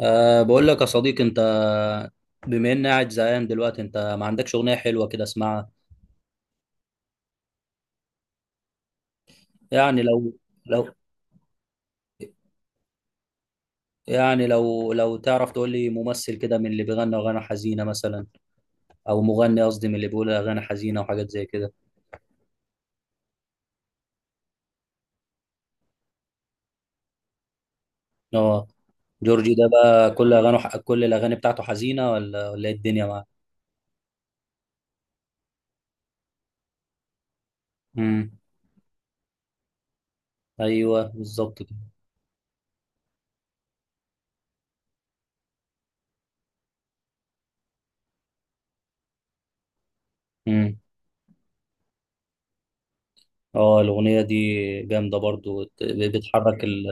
بقول لك يا صديقي انت، بما اني قاعد زهقان دلوقتي انت ما عندكش اغنيه حلوه كده اسمعها؟ يعني لو لو يعني لو لو تعرف تقول لي ممثل كده من اللي بيغني اغاني حزينه، مثلا او مغني، قصدي من اللي بيقول اغاني حزينه وحاجات زي كده. اه، جورجي ده بقى كل الاغاني بتاعته حزينه ولا ايه الدنيا معاه؟ امم. ايوه بالظبط كده. امم. اه الاغنيه دي جامده برضو، بتحرك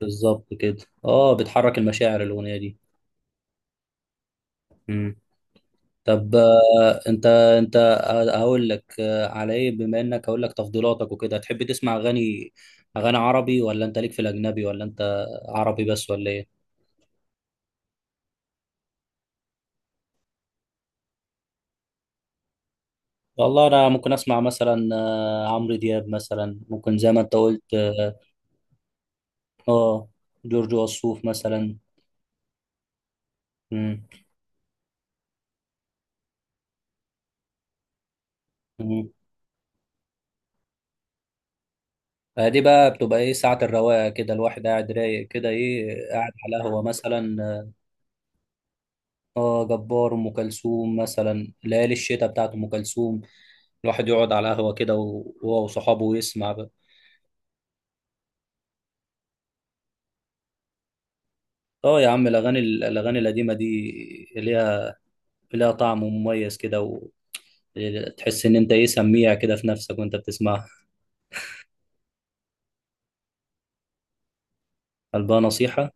بالظبط كده، اه بتحرك المشاعر الاغنيه دي. طب انت، انت هقول لك، على ايه بما انك هقول لك تفضيلاتك وكده. تحب تسمع اغاني، اغاني عربي ولا انت ليك في الاجنبي ولا انت عربي بس ولا ايه؟ والله انا ممكن اسمع مثلا عمرو دياب مثلا، ممكن زي ما انت قلت. اه، آه، جورج وسوف مثلا. مم. مم. دي بقى بتبقى ايه، ساعة الرواقة كده الواحد قاعد رايق كده، ايه قاعد على قهوة مثلا. اه، جبار. ام كلثوم مثلا، ليالي الشتاء بتاعت ام كلثوم، الواحد يقعد على قهوة كده وهو وصحابه ويسمع بقى. اه يا عم، الأغاني، الأغاني القديمة دي ليها ليها طعم مميز كده، وتحس إن أنت إيه، سميع كده في نفسك وأنت بتسمعها. قلبها نصيحة؟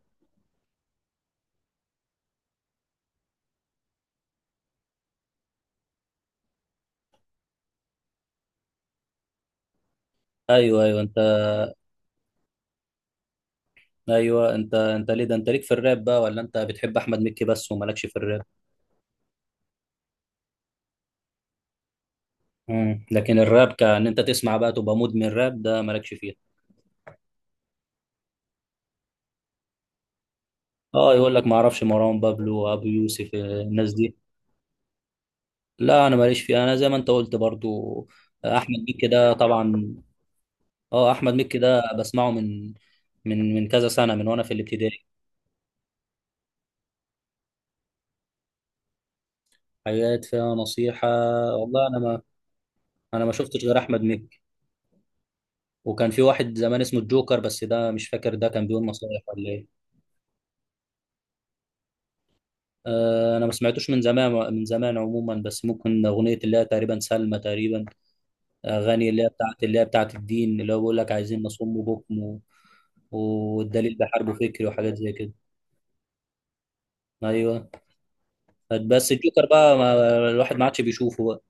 أيوه أيوه أنت، أيوه. أنت، ليه ده، أنت ليك في الراب بقى ولا أنت بتحب أحمد مكي بس ومالكش في الراب؟ مم. لكن الراب كأن أنت تسمع بقى تبقى مدمن راب، ده مالكش فيه؟ اه يقول لك ما اعرفش، مروان بابلو وابو يوسف الناس دي. لا انا ماليش فيها، انا زي ما انت قلت برضو، احمد مكي ده طبعا. اه احمد مكي ده بسمعه من كذا سنه، من وانا في الابتدائي. حاجات فيها نصيحه؟ والله انا ما شفتش غير احمد مكي. وكان في واحد زمان اسمه الجوكر، بس ده مش فاكر ده كان بيقول نصايح ولا ايه. آه انا ما سمعتوش من زمان، من زمان عموما، بس ممكن اغنيه اللي هي تقريبا سلمى تقريبا، اغاني اللي هي بتاعت، اللي هي بتاعت الدين، اللي هو بيقول لك عايزين نصوم وبكم والدليل بحرب فكري وحاجات زي كده. ايوه، بس الجوكر بقى ما، الواحد ما عادش بيشوفه بقى.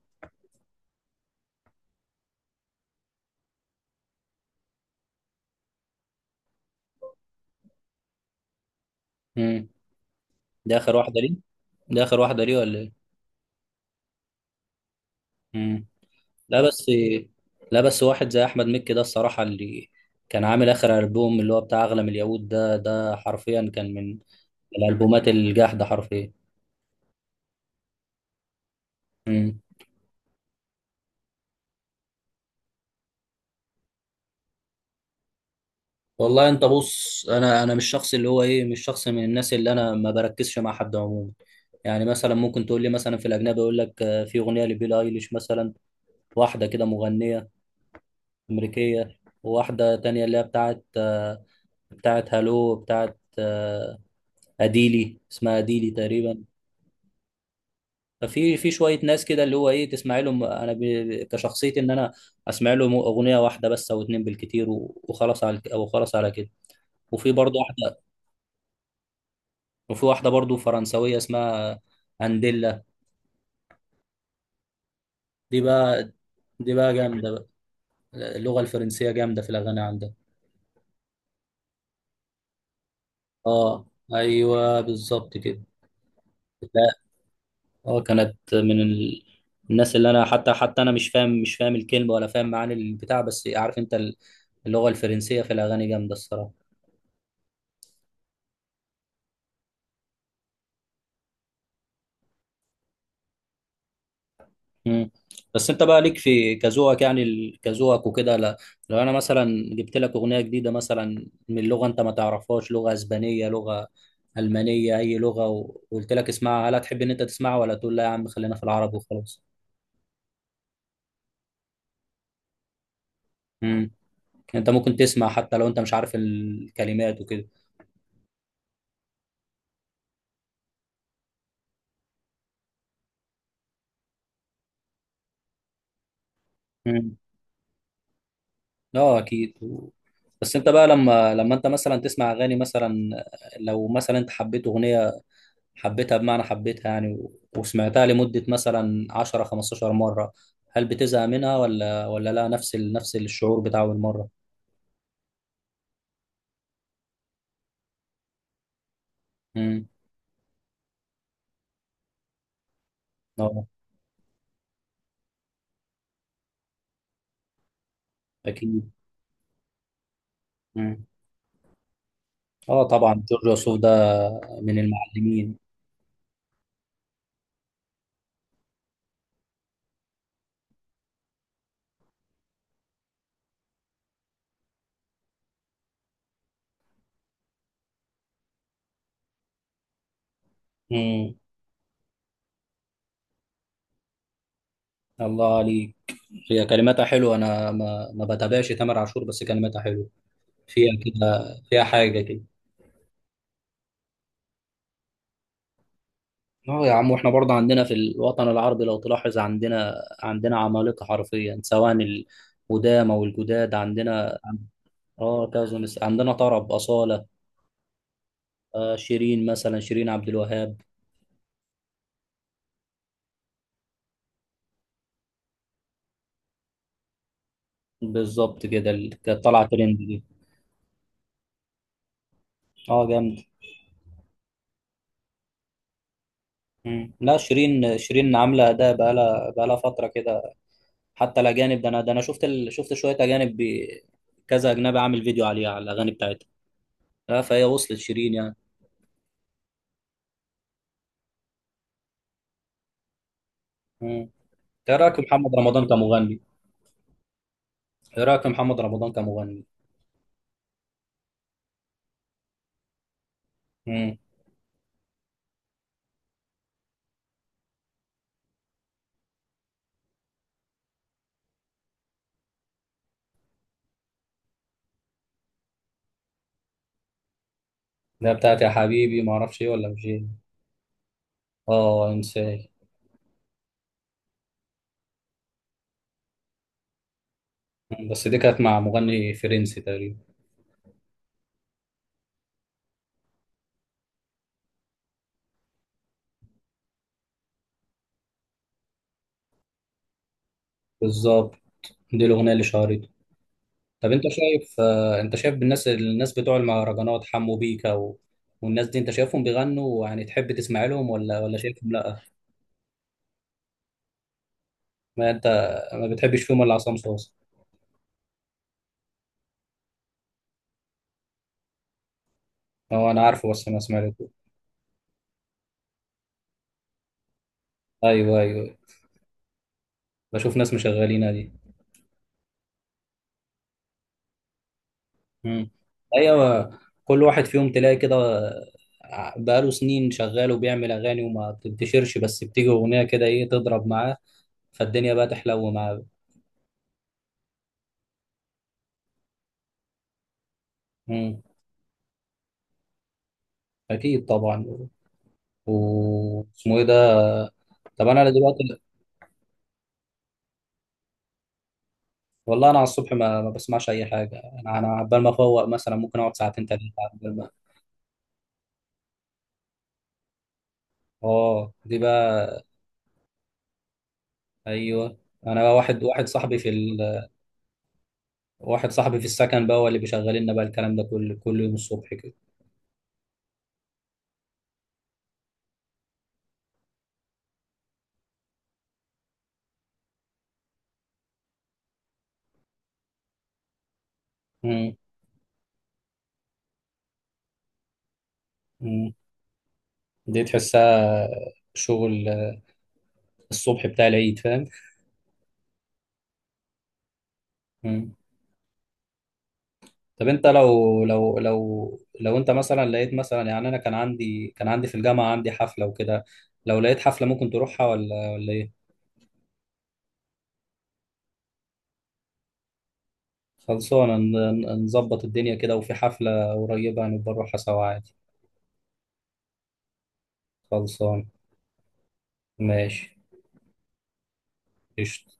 مم. ده اخر واحده ليه، ده آخر واحدة ليه ولا إيه؟ مم. لا بس، لا بس واحد زي أحمد مكي ده الصراحة، اللي كان عامل آخر ألبوم اللي هو بتاع أغلى من اليهود ده، ده حرفيا كان من الألبومات الجاحدة حرفيا. مم. والله أنت بص، أنا مش شخص اللي هو إيه، مش شخص من الناس اللي، أنا ما بركزش مع حد عموما. يعني مثلا ممكن تقول لي مثلا في الأجنبي، يقول لك في أغنية لبيلي أيليش مثلا، واحدة كده مغنية أمريكية. وواحدة تانية اللي هي بتاعت، بتاعت هالو، بتاعت، اديلي، اسمها اديلي تقريبا. ففي شويه ناس كده اللي هو ايه تسمع لهم، كشخصيتي ان انا اسمع لهم اغنيه واحده بس او اتنين بالكتير وخلاص على، او خلاص على كده. وفي برضه واحده، وفي واحده برضه فرنسويه اسمها انديلا. دي بقى، دي بقى جامده بقى، اللغه الفرنسيه جامده في الاغاني عندها. اه، ايوه بالظبط كده. اه كانت من الناس اللي انا حتى حتى انا مش فاهم الكلمه ولا فاهم معاني البتاع، بس عارف انت اللغه الفرنسيه في الاغاني جامده الصراحه. مم. بس انت بقى ليك في كذوقك يعني، كذوقك وكده؟ لا لو انا مثلا جبت لك اغنيه جديده مثلا من لغه انت ما تعرفهاش، لغه اسبانيه، لغه المانيه، اي لغه، وقلت لك اسمعها، هل هتحب ان انت تسمعها ولا تقول لا يا عم خلينا في العرب وخلاص؟ مم. انت ممكن تسمع حتى لو انت مش عارف الكلمات وكده؟ اه اكيد بس انت بقى لما انت مثلا تسمع اغاني مثلا، لو مثلا انت حبيت اغنيه، حبيتها بمعنى حبيتها يعني، وسمعتها لمده مثلا 10 15 مره، هل بتزهق منها ولا لا نفس نفس الشعور بتاع اول مره؟ امم. اه اكيد. امم. اه طبعا جورج وسوف ده من المعلمين. امم. الله عليك، هي كلماتها حلوه، انا ما ما بتابعش تامر عاشور، بس كلماتها حلوه، فيها كده فيها حاجه كده. اه يا عم، واحنا برضه عندنا في الوطن العربي لو تلاحظ، عندنا عمالقة حرفيا، سواء القدامى او الجداد عندنا. اه كذا عندنا طرب، أصالة، آه شيرين مثلا، شيرين عبد الوهاب. بالظبط كده، كانت طالعة ترند دي. اه جامد. مم. لا شيرين، شيرين عاملة أداء بقالها فترة كده. حتى الأجانب، ده أنا شفت شفت شوية أجانب كذا أجنبي عامل فيديو عليها، على الأغاني بتاعتها. لا فهي وصلت شيرين يعني. مم. إيه رأيك في محمد رمضان كمغني؟ ايه رايك في محمد رمضان كمغني؟ امم. ده بتاعت يا حبيبي ما اعرفش ايه ولا مش ايه. اه انساه. مم، بس دي كانت مع مغني فرنسي تقريبا. بالظبط، دي الاغنيه اللي شهرته. طب انت شايف، انت شايف الناس، الناس بتوع المهرجانات، حمو بيكا والناس دي انت شايفهم بيغنوا، يعني تحب تسمع لهم ولا ولا شايفهم لا؟ ما انت ما بتحبش فيهم ولا؟ عصام صوصه. اه انا عارفه بس ما سمعته. ايوه ايوه، بشوف ناس مشغلينها دي. مم. ايوه كل واحد فيهم تلاقي كده، بقاله سنين شغال وبيعمل اغاني وما بتنتشرش، بس بتيجي اغنيه كده ايه تضرب معاه، فالدنيا بقى تحلو معاه. مم. اكيد طبعا، واسمه ايه ده؟ طب انا دلوقتي. والله انا على الصبح ما بسمعش اي حاجه، انا انا عبال ما افوق مثلا ممكن اقعد ساعتين ثلاثه. عبال ما. اه دي بقى. ايوه، انا بقى واحد صاحبي في واحد صاحبي في السكن بقى، هو اللي بيشغل لنا بقى الكلام ده كل يوم الصبح كده. مم. مم. دي تحسها شغل الصبح بتاع العيد، فاهم. مم. طب انت لو انت مثلا لقيت مثلا، يعني انا كان عندي، كان عندي في الجامعة عندي حفلة وكده، لو لقيت حفلة ممكن تروحها ولا ولا ايه؟ خلصانة، نظبط الدنيا كده وفي حفلة قريبة هنبقى نروحها سوا عادي. خلصان. ماشي. قشطة.